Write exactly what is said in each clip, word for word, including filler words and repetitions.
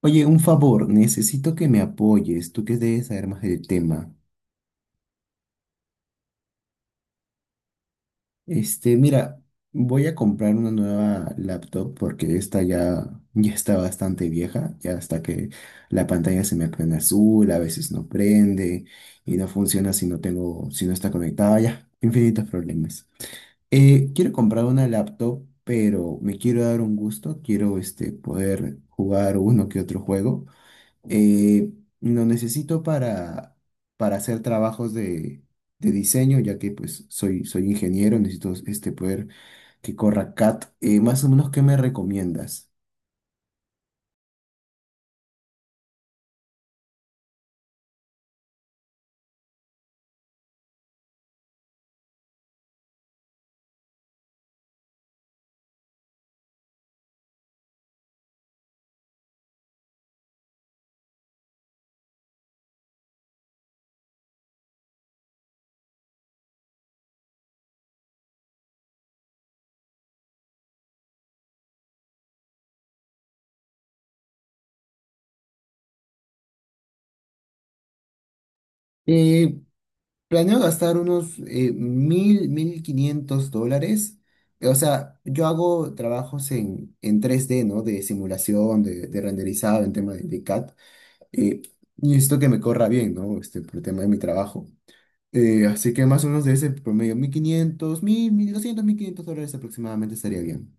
Oye, un favor, necesito que me apoyes, tú que debes saber más del tema. Este, mira, voy a comprar una nueva laptop porque esta ya, ya está bastante vieja, ya hasta que la pantalla se me prende azul, a veces no prende y no funciona si no tengo, si no está conectada, ya, infinitos problemas. Eh, quiero comprar una laptop, pero me quiero dar un gusto, quiero este, poder jugar uno que otro juego. Eh, lo necesito para, para hacer trabajos de, de diseño, ya que pues soy, soy ingeniero, necesito este poder que corra C A D. Eh, más o menos, ¿qué me recomiendas? Eh, planeo gastar unos eh, mil, mil quinientos dólares. Eh, O sea, yo hago trabajos en, en tres d, ¿no? De simulación, de, de renderizado, en tema de, de C A D. Eh, necesito que me corra bien, ¿no? Este, por el tema de mi trabajo. Eh, así que más o menos de ese promedio, mil mil quinientos mil mil doscientos mil quinientos dólares aproximadamente estaría bien.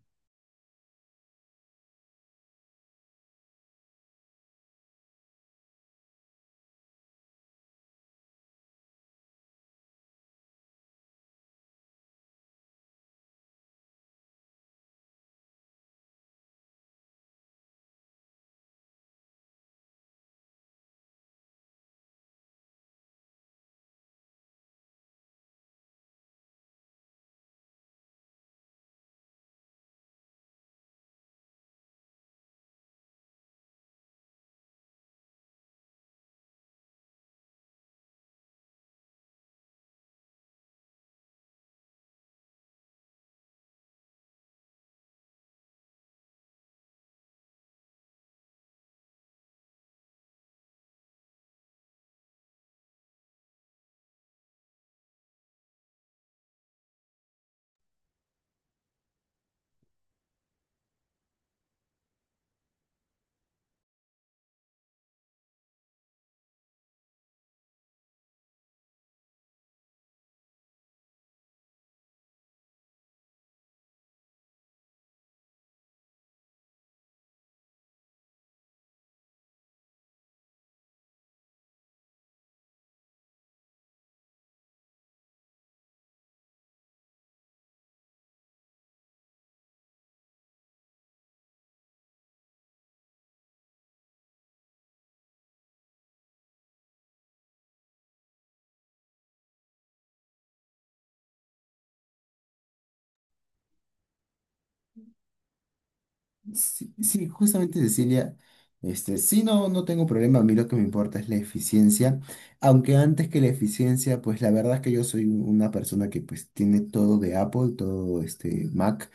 Sí, sí, justamente Cecilia, este, sí, no, no tengo problema. A mí lo que me importa es la eficiencia, aunque antes que la eficiencia, pues la verdad es que yo soy un- una persona que pues tiene todo de Apple, todo este Mac.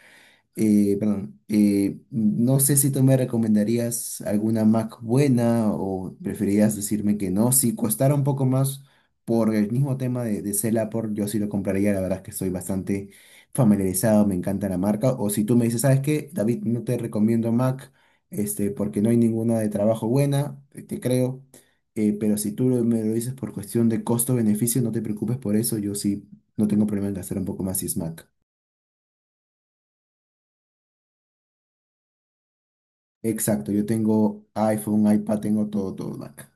Eh, perdón, eh, no sé si tú me recomendarías alguna Mac buena o preferirías decirme que no. Si costara un poco más por el mismo tema de, de ser Apple, yo sí lo compraría. La verdad es que estoy bastante familiarizado, me encanta la marca. O si tú me dices, ¿sabes qué? David, no te recomiendo Mac, este, porque no hay ninguna de trabajo buena, eh, te creo. Eh, pero si tú lo- me lo dices por cuestión de costo-beneficio, no te preocupes por eso. Yo sí no tengo problema en gastar un poco más si es Mac. Exacto, yo tengo iPhone, iPad, tengo todo, todo Mac.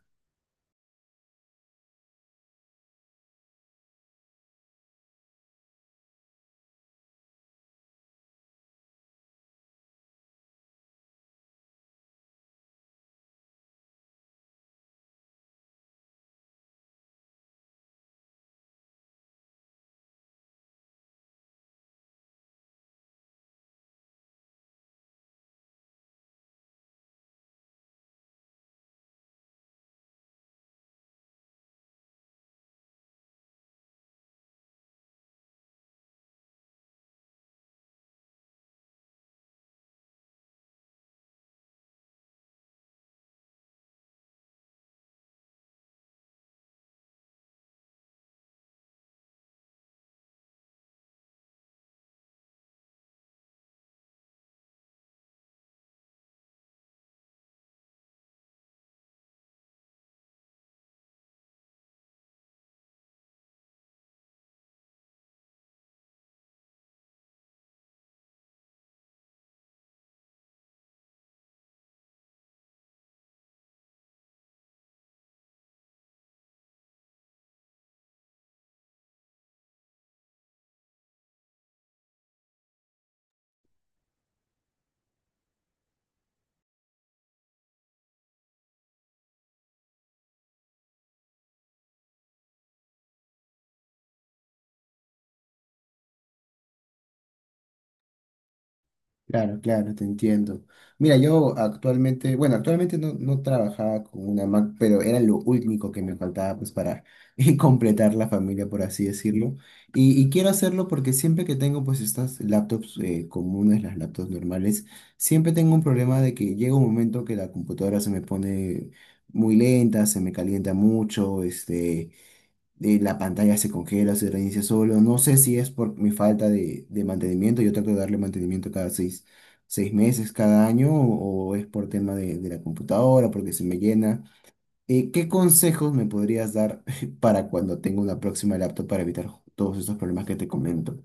Claro, claro, te entiendo. Mira, yo actualmente, bueno, actualmente no, no trabajaba con una Mac, pero era lo único que me faltaba pues para completar la familia, por así decirlo. Y, y quiero hacerlo porque siempre que tengo pues estas laptops eh, comunes, las laptops normales, siempre tengo un problema de que llega un momento que la computadora se me pone muy lenta, se me calienta mucho, este... eh, la pantalla se congela, se reinicia solo. No sé si es por mi falta de, de mantenimiento. Yo trato de darle mantenimiento cada seis, seis meses, cada año, o, o es por tema de, de la computadora, porque se me llena. Eh, ¿qué consejos me podrías dar para cuando tenga una próxima laptop para evitar ju- todos estos problemas que te comento?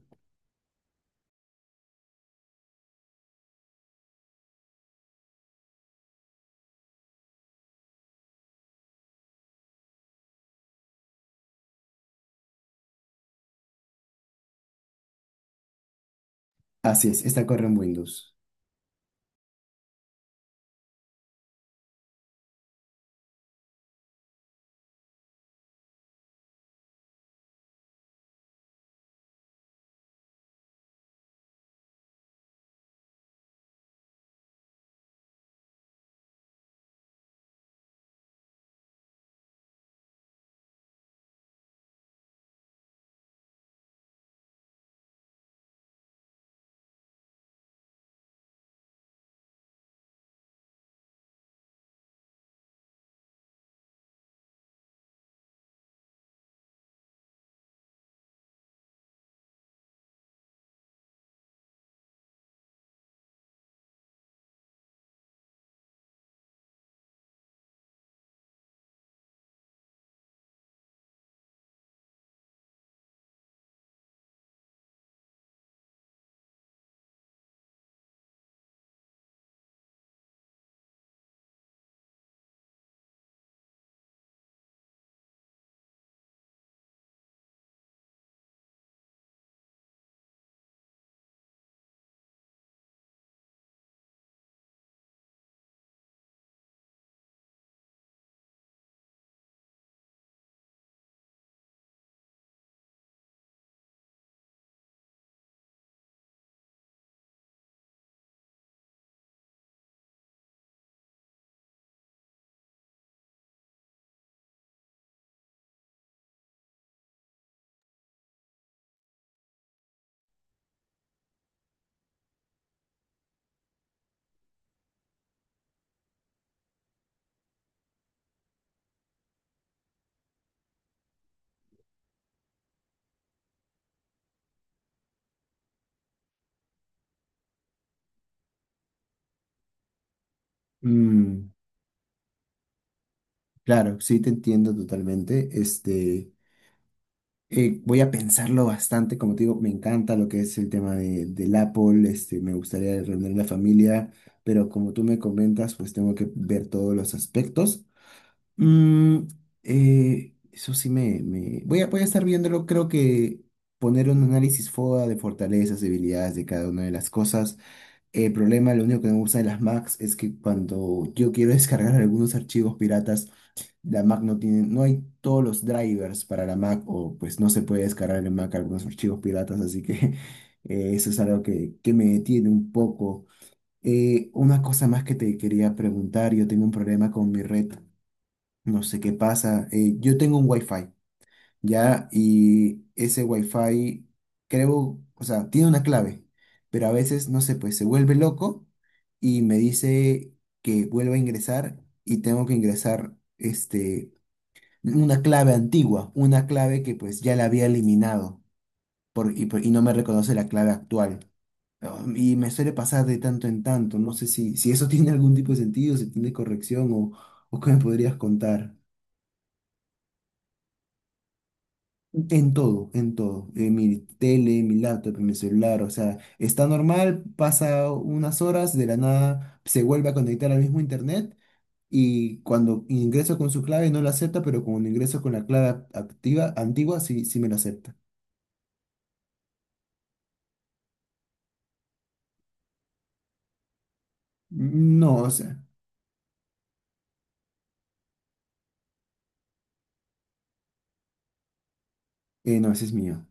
Así es, esta corre en Windows. Mm, claro, sí te entiendo totalmente. Este. Eh, voy a pensarlo bastante, como te digo, me encanta lo que es el tema de, del Apple. Este, me gustaría reunir la familia, pero como tú me comentas, pues tengo que ver todos los aspectos. Mm, eh, Eso sí me, me- Voy a, voy a estar viéndolo. Creo que poner un análisis FODA de fortalezas, debilidades de cada una de las cosas. El problema, lo único que me gusta de las Macs es que cuando yo quiero descargar algunos archivos piratas, la Mac no tiene, no hay todos los drivers para la Mac o pues no se puede descargar en Mac algunos archivos piratas, así que eh, eso es algo que, que me detiene un poco. Eh, una cosa más que te quería preguntar: yo tengo un problema con mi red, no sé qué pasa. Eh, yo tengo un Wi-Fi, ¿ya? Y ese Wi-Fi creo, o sea, tiene una clave, pero a veces, no sé, pues se vuelve loco y me dice que vuelva a ingresar y tengo que ingresar este una clave antigua, una clave que pues ya la había eliminado por, y, por- y no me reconoce la clave actual. Um, Y me suele pasar de tanto en tanto. No sé si, si eso tiene algún tipo de sentido, si tiene corrección o, o qué me podrías contar. En todo, en todo. En mi tele, en mi laptop, en mi celular. O sea, está normal, pasa unas horas, de la nada se vuelve a conectar al mismo internet. Y cuando ingreso con su clave no la acepta, pero cuando ingreso con la clave act- activa, antigua, sí, sí me la acepta. No, o sea, eh, no, ese es mío.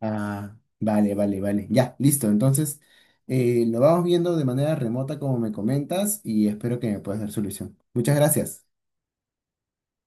Ah, vale, vale, vale. Ya, listo. Entonces, eh, lo vamos viendo de manera remota como me comentas y espero que me puedas dar solución. Muchas gracias.